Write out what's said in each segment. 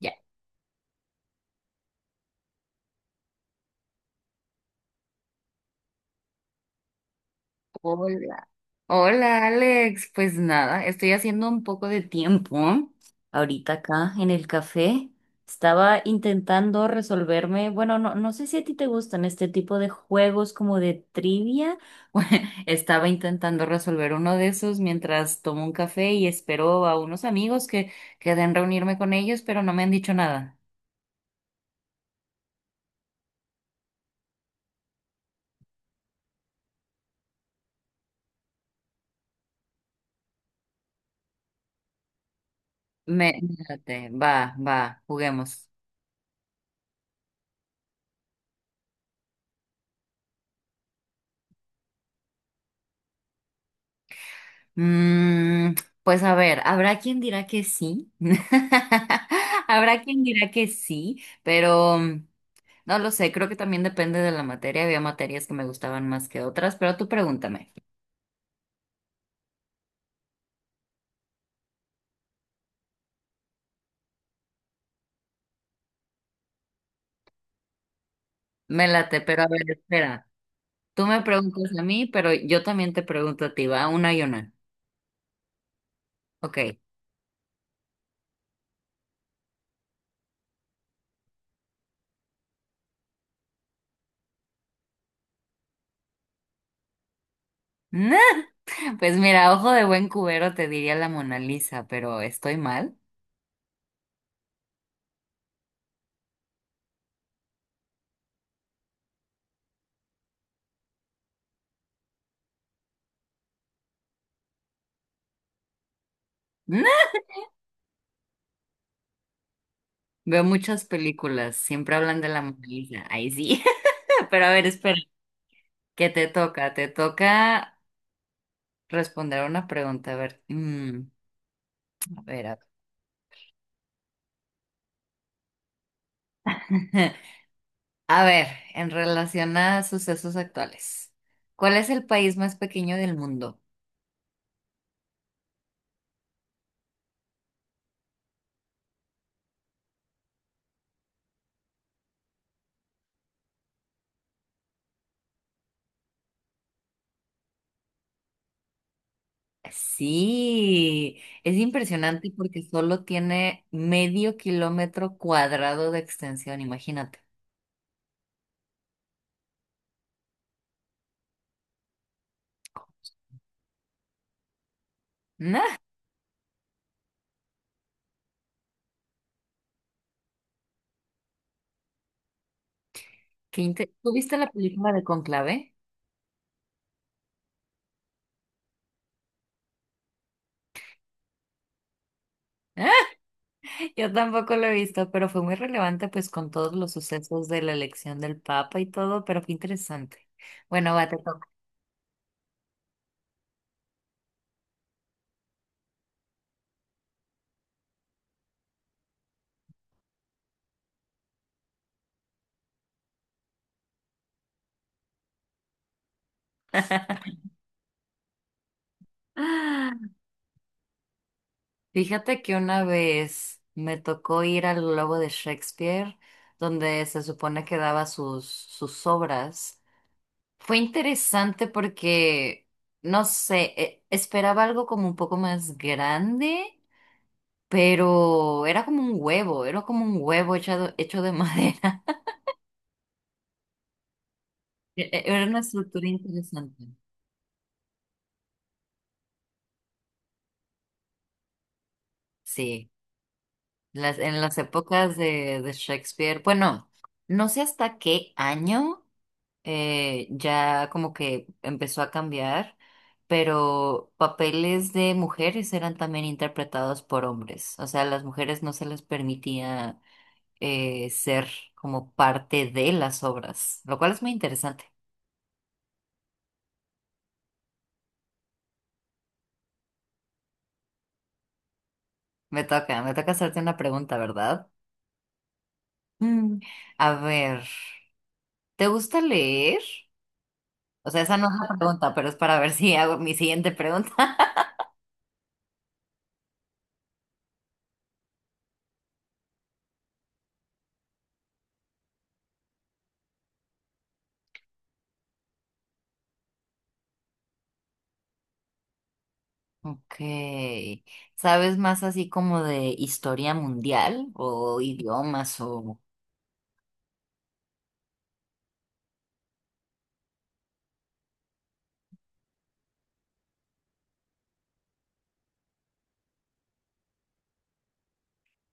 Ya. Hola. Hola, Alex. Pues nada, estoy haciendo un poco de tiempo ahorita acá en el café. Estaba intentando resolverme, bueno, no sé si a ti te gustan este tipo de juegos como de trivia. Estaba intentando resolver uno de esos mientras tomo un café y espero a unos amigos que queden reunirme con ellos, pero no me han dicho nada. Me, fíjate, va, va, juguemos. Mm, pues a ver, habrá quien dirá que sí, habrá quien dirá que sí, pero no lo sé, creo que también depende de la materia, había materias que me gustaban más que otras, pero tú pregúntame, me late, pero a ver, espera, tú me preguntas a mí, pero yo también te pregunto a ti, va, una y una, ok. Nah, pues mira, ojo de buen cubero te diría la Mona Lisa, pero estoy mal. Nah, veo muchas películas, siempre hablan de la Mona Lisa, ahí sí, pero a ver, espera. Que te toca responder una pregunta. A ver, a ver, a ver. A ver, en relación a sucesos actuales, ¿cuál es el país más pequeño del mundo? Sí, es impresionante porque solo tiene medio kilómetro cuadrado de extensión, imagínate. Nah, qué inte- ¿Tú viste la película de Conclave? Yo tampoco lo he visto, pero fue muy relevante pues con todos los sucesos de la elección del Papa y todo, pero fue interesante. Bueno, va, te toca. Ah, fíjate que una vez me tocó ir al Globo de Shakespeare, donde se supone que daba sus obras. Fue interesante porque, no sé, esperaba algo como un poco más grande, pero era como un huevo, era como un huevo hecho de madera. Era una estructura interesante. Sí, las, en las épocas de Shakespeare, bueno, no sé hasta qué año ya como que empezó a cambiar, pero papeles de mujeres eran también interpretados por hombres, o sea, a las mujeres no se les permitía ser como parte de las obras, lo cual es muy interesante. Me toca hacerte una pregunta, ¿verdad? Mm, a ver, ¿te gusta leer? O sea, esa no es la pregunta, pero es para ver si hago mi siguiente pregunta. Ok. ¿Sabes más así como de historia mundial o idiomas o...?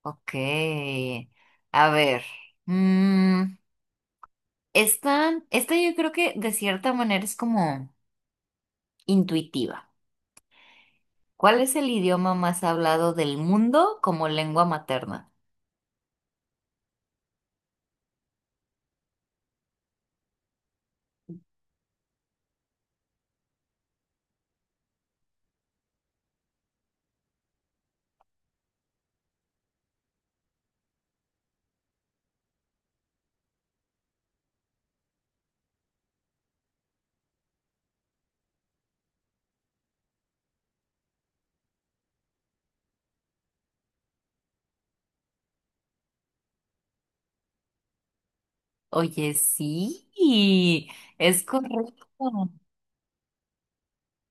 Ok. A ver. mm, esta yo creo que de cierta manera es como intuitiva. ¿Cuál es el idioma más hablado del mundo como lengua materna? Oye, sí. Es correcto.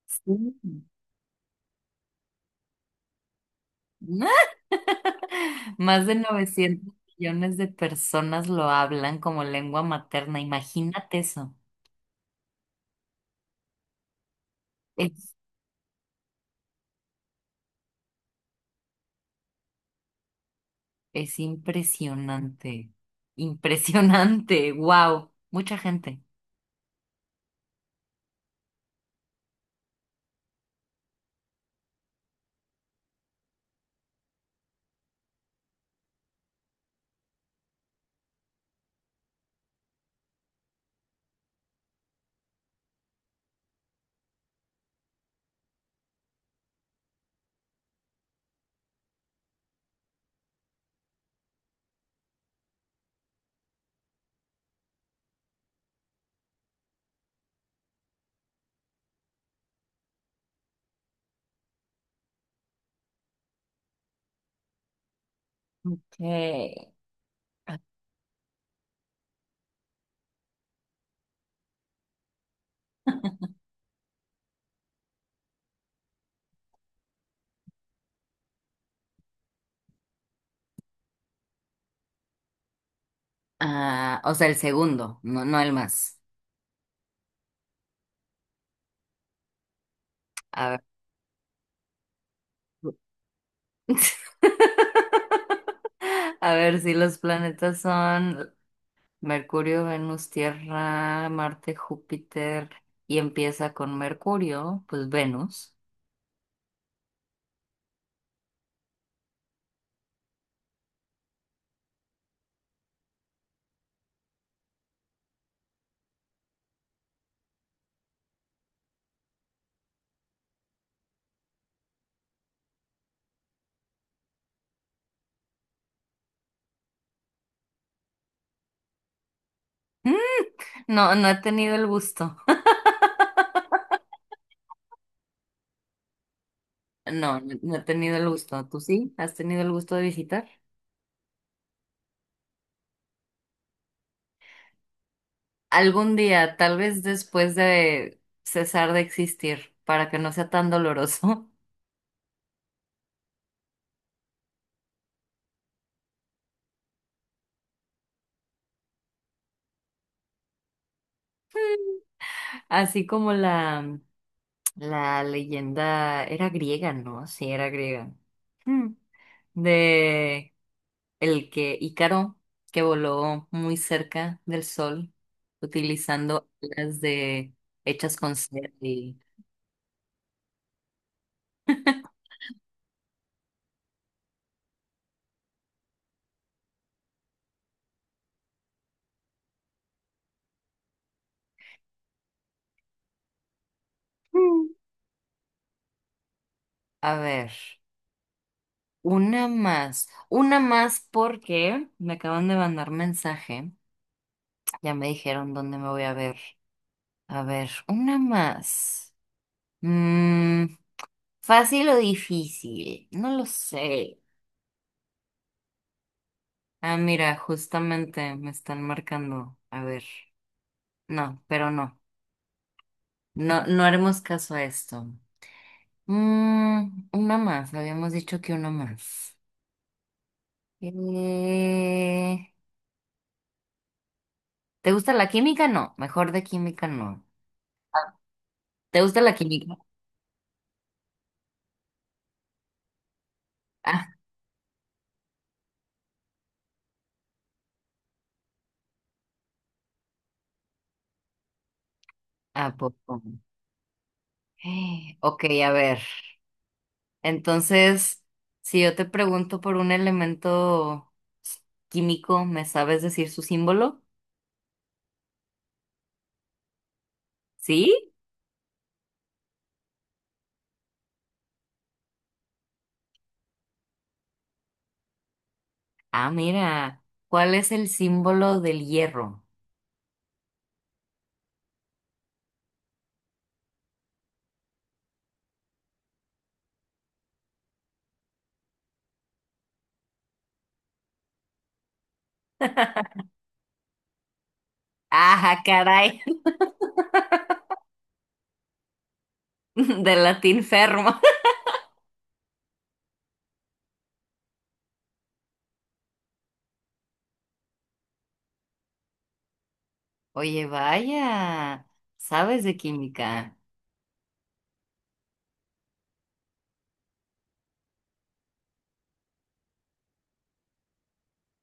Sí. Más de 900 millones de personas lo hablan como lengua materna. Imagínate eso. Es, es impresionante. Impresionante. Wow. Mucha gente. Ok. Ah, o sea, el segundo, no, no el más. A ver. A ver, si los planetas son Mercurio, Venus, Tierra, Marte, Júpiter y empieza con Mercurio, pues Venus. Mm, No, no he tenido el gusto. No, no he tenido el gusto. ¿Tú sí? ¿Has tenido el gusto de visitar? Algún día, tal vez después de cesar de existir, para que no sea tan doloroso. Así como la leyenda era griega, ¿no? Sí, era griega. Mm. De el que Ícaro, que voló muy cerca del sol, utilizando alas de hechas con cera y... Mm. A ver. Una más porque me acaban de mandar mensaje. Ya me dijeron dónde me voy a ver. A ver, una más. Mm, ¿Fácil o difícil? No lo sé. Ah, mira, justamente me están marcando. A ver, no, pero no. No, no haremos caso a esto. Una más, habíamos dicho que una más. Eh, ¿Te gusta la química? No, mejor de química no. ¿Te gusta la química? Ah, ¿a poco? Ok, a ver. Entonces, si yo te pregunto por un elemento químico, ¿me sabes decir su símbolo? ¿Sí? Ah, mira. ¿Cuál es el símbolo del hierro? Ajá, caray. Del latín fermo. Oye, vaya. ¿Sabes de química?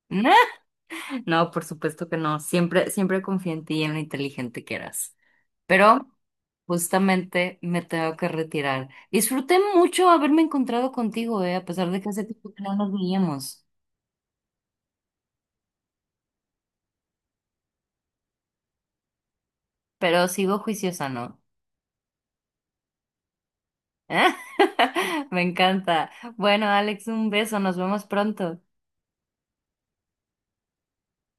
No, por supuesto que no. Siempre, siempre confío en ti y en lo inteligente que eras, pero justamente me tengo que retirar. Disfruté mucho haberme encontrado contigo, a pesar de que hace tiempo que no nos veíamos, pero sigo juiciosa, ¿no? Me encanta. Bueno, Alex, un beso, nos vemos pronto.